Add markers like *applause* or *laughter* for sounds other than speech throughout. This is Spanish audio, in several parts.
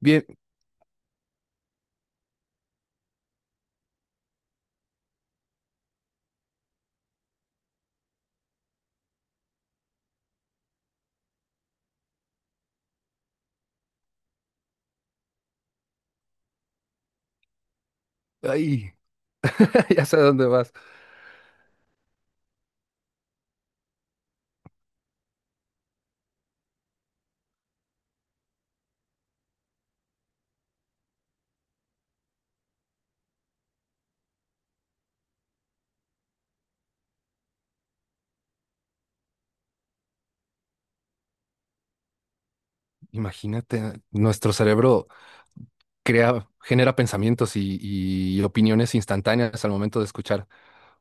Bien. Ay, *laughs* ya sé a dónde vas. Imagínate, nuestro cerebro crea, genera pensamientos y opiniones instantáneas al momento de escuchar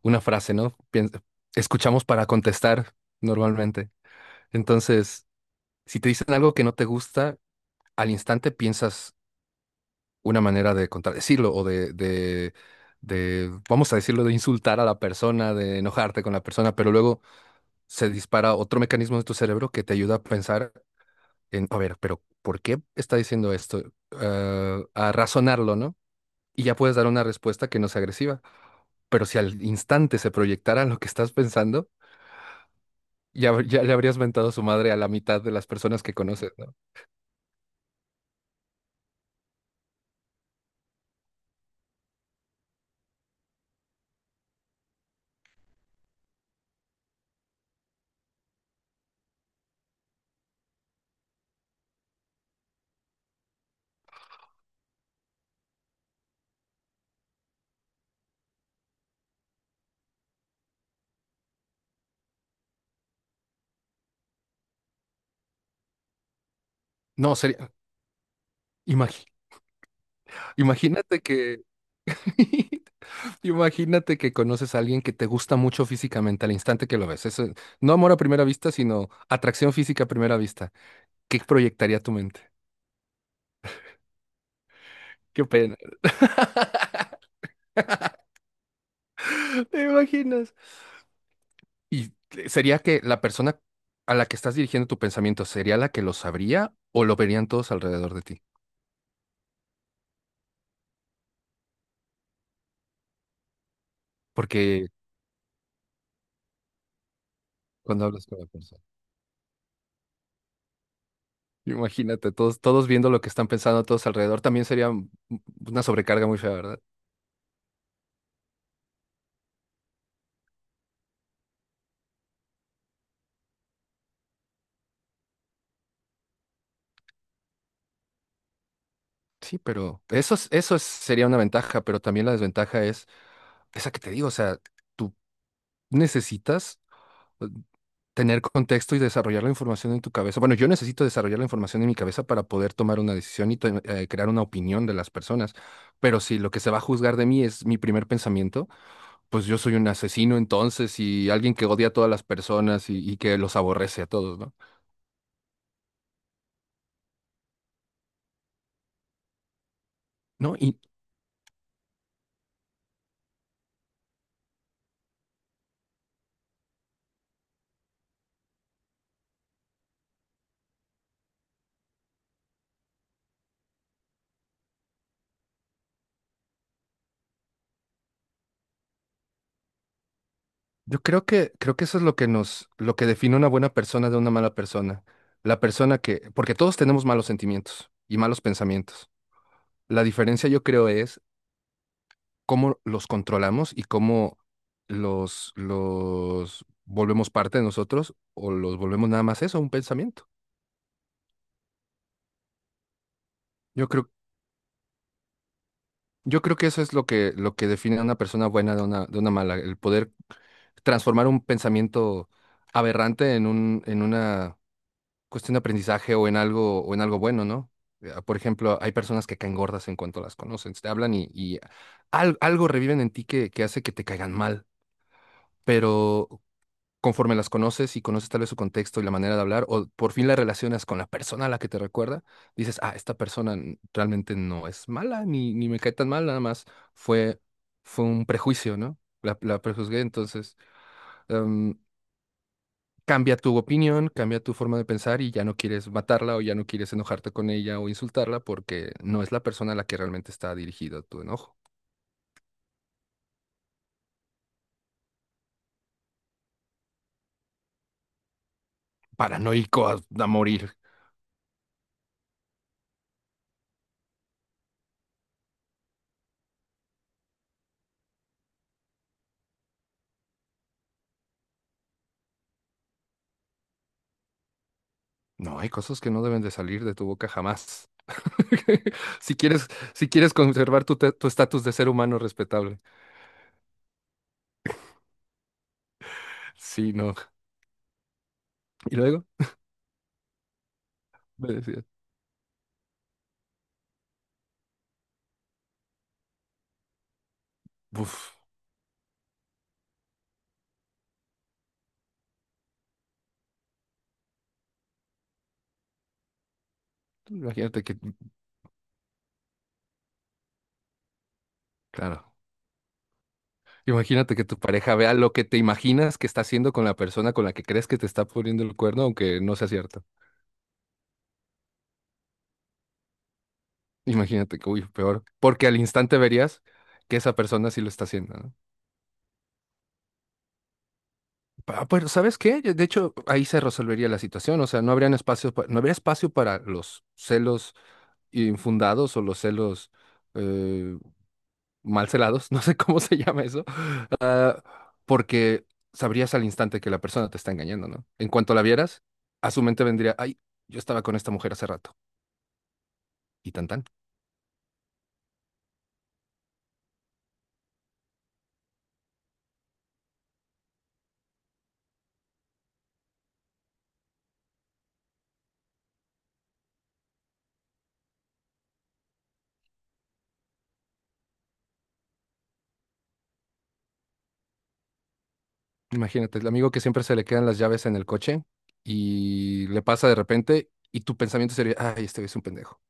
una frase, ¿no? Escuchamos para contestar normalmente. Entonces, si te dicen algo que no te gusta, al instante piensas una manera de contradecirlo o de, vamos a decirlo, de insultar a la persona, de enojarte con la persona, pero luego se dispara otro mecanismo de tu cerebro que te ayuda a pensar en, a ver, pero ¿por qué está diciendo esto? Ah, a razonarlo, ¿no? Y ya puedes dar una respuesta que no sea agresiva. Pero si al instante se proyectara lo que estás pensando, ya, ya le habrías mentado su madre a la mitad de las personas que conoces, ¿no? No, sería, imagi- imagínate que, *laughs* imagínate que conoces a alguien que te gusta mucho físicamente al instante que lo ves. Eso, no amor a primera vista, sino atracción física a primera vista. ¿Qué proyectaría tu mente? Qué pena. *laughs* ¿Te imaginas? ¿Y sería que la persona a la que estás dirigiendo tu pensamiento sería la que lo sabría o lo verían todos alrededor de ti? Porque cuando hablas con la persona, imagínate, todos viendo lo que están pensando todos alrededor, también sería una sobrecarga muy fea, ¿verdad? Sí, pero eso, sería una ventaja, pero también la desventaja es esa que te digo, o sea, tú necesitas eh, tener contexto y desarrollar la información en tu cabeza. Bueno, yo necesito desarrollar la información en mi cabeza para poder tomar una decisión y crear una opinión de las personas. Pero si lo que se va a juzgar de mí es mi primer pensamiento, pues yo soy un asesino entonces y alguien que odia a todas las personas y que los aborrece a todos, ¿no? No, y yo creo que eso es lo que nos, lo que define una buena persona de una mala persona. La persona que, porque todos tenemos malos sentimientos y malos pensamientos. La diferencia yo creo es cómo los controlamos y cómo los volvemos parte de nosotros o los volvemos nada más eso, un pensamiento. Yo creo, yo creo que eso es lo que define a una persona buena de una mala, el poder transformar un pensamiento aberrante en un, en una cuestión de aprendizaje o en algo bueno, ¿no? Por ejemplo, hay personas que caen gordas en cuanto las conocen, te hablan y algo reviven en ti que hace que te caigan mal, pero conforme las conoces y conoces tal vez su contexto y la manera de hablar, o por fin la relacionas con la persona a la que te recuerda, dices, ah, esta persona realmente no es mala, ni me cae tan mal, nada más fue, fue un prejuicio, ¿no? La prejuzgué, entonces em, cambia tu opinión, cambia tu forma de pensar y ya no quieres matarla o ya no quieres enojarte con ella o insultarla porque no es la persona a la que realmente está dirigido tu enojo. Paranoico a morir. No, hay cosas que no deben de salir de tu boca jamás. *laughs* Si quieres, si quieres conservar tu tu estatus de ser humano respetable. Sí, no. Y luego me decías, "Uf, imagínate que, claro, imagínate que tu pareja vea lo que te imaginas que está haciendo con la persona con la que crees que te está poniendo el cuerno, aunque no sea cierto. Imagínate que, uy, peor, porque al instante verías que esa persona sí lo está haciendo, ¿no? Ah, pero ¿sabes qué? De hecho, ahí se resolvería la situación, o sea, no habrían espacio, no habría espacio para los celos infundados o los celos eh, malcelados, *laughs* no sé cómo se llama eso, ah, porque sabrías al instante que la persona te está engañando, ¿no? En cuanto la vieras, a su mente vendría, ay, yo estaba con esta mujer hace rato, y tan tan. Imagínate, el amigo que siempre se le quedan las llaves en el coche y le pasa de repente y tu pensamiento sería, ay, este güey es un pendejo.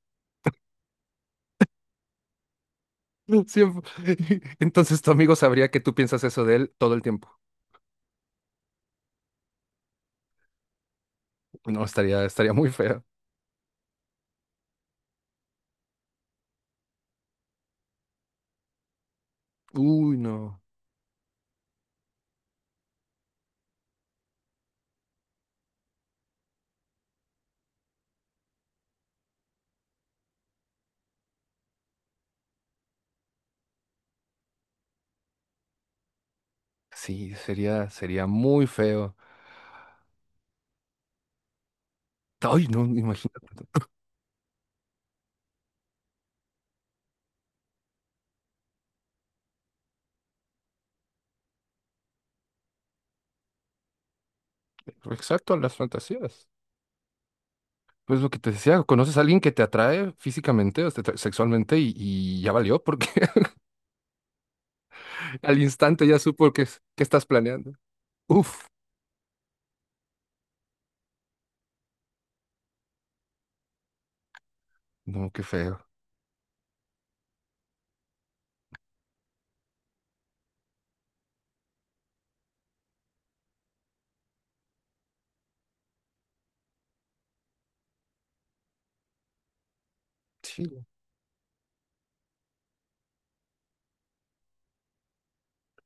*laughs* Siempre. *laughs* Entonces tu amigo sabría que tú piensas eso de él todo el tiempo. No, estaría muy feo. Uy, no. Sí, sería muy feo. Ay, no, imagínate. Exacto, a las fantasías. Pues lo que te decía, conoces a alguien que te atrae físicamente o te atrae sexualmente y ya valió porque *laughs* al instante ya supo que, que estás planeando. Uf, no, qué feo. Sí.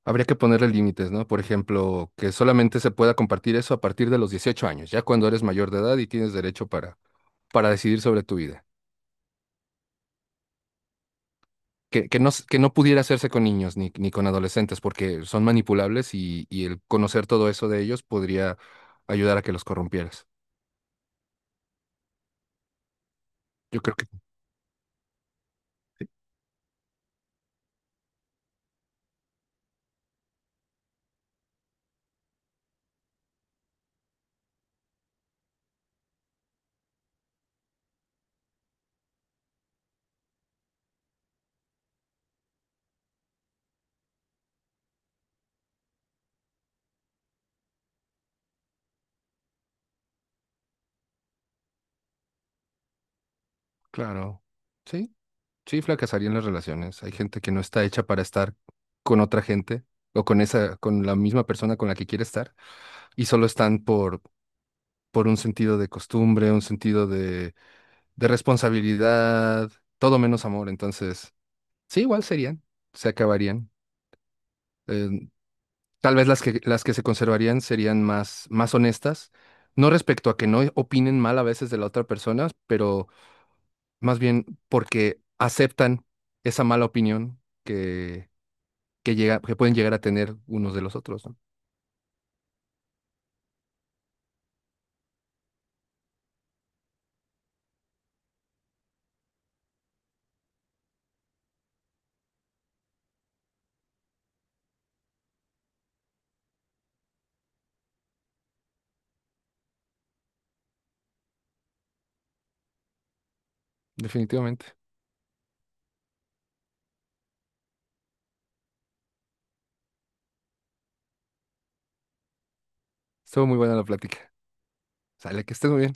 Habría que ponerle límites, ¿no? Por ejemplo, que solamente se pueda compartir eso a partir de los 18 años, ya cuando eres mayor de edad y tienes derecho para decidir sobre tu vida. Que no, que no pudiera hacerse con niños ni con adolescentes porque son manipulables y el conocer todo eso de ellos podría ayudar a que los corrompieras. Yo creo que claro. Sí, sí, fracasarían las relaciones. Hay gente que no está hecha para estar con otra gente o con esa, con la misma persona con la que quiere estar y solo están por un sentido de costumbre, un sentido de responsabilidad, todo menos amor. Entonces, sí, igual serían, se acabarían. Eh, tal vez las que se conservarían serían más honestas, no respecto a que no opinen mal a veces de la otra persona, pero más bien porque aceptan esa mala opinión que llega, que pueden llegar a tener unos de los otros, ¿no? Definitivamente. Estuvo muy buena la plática. Sale, que estés muy bien.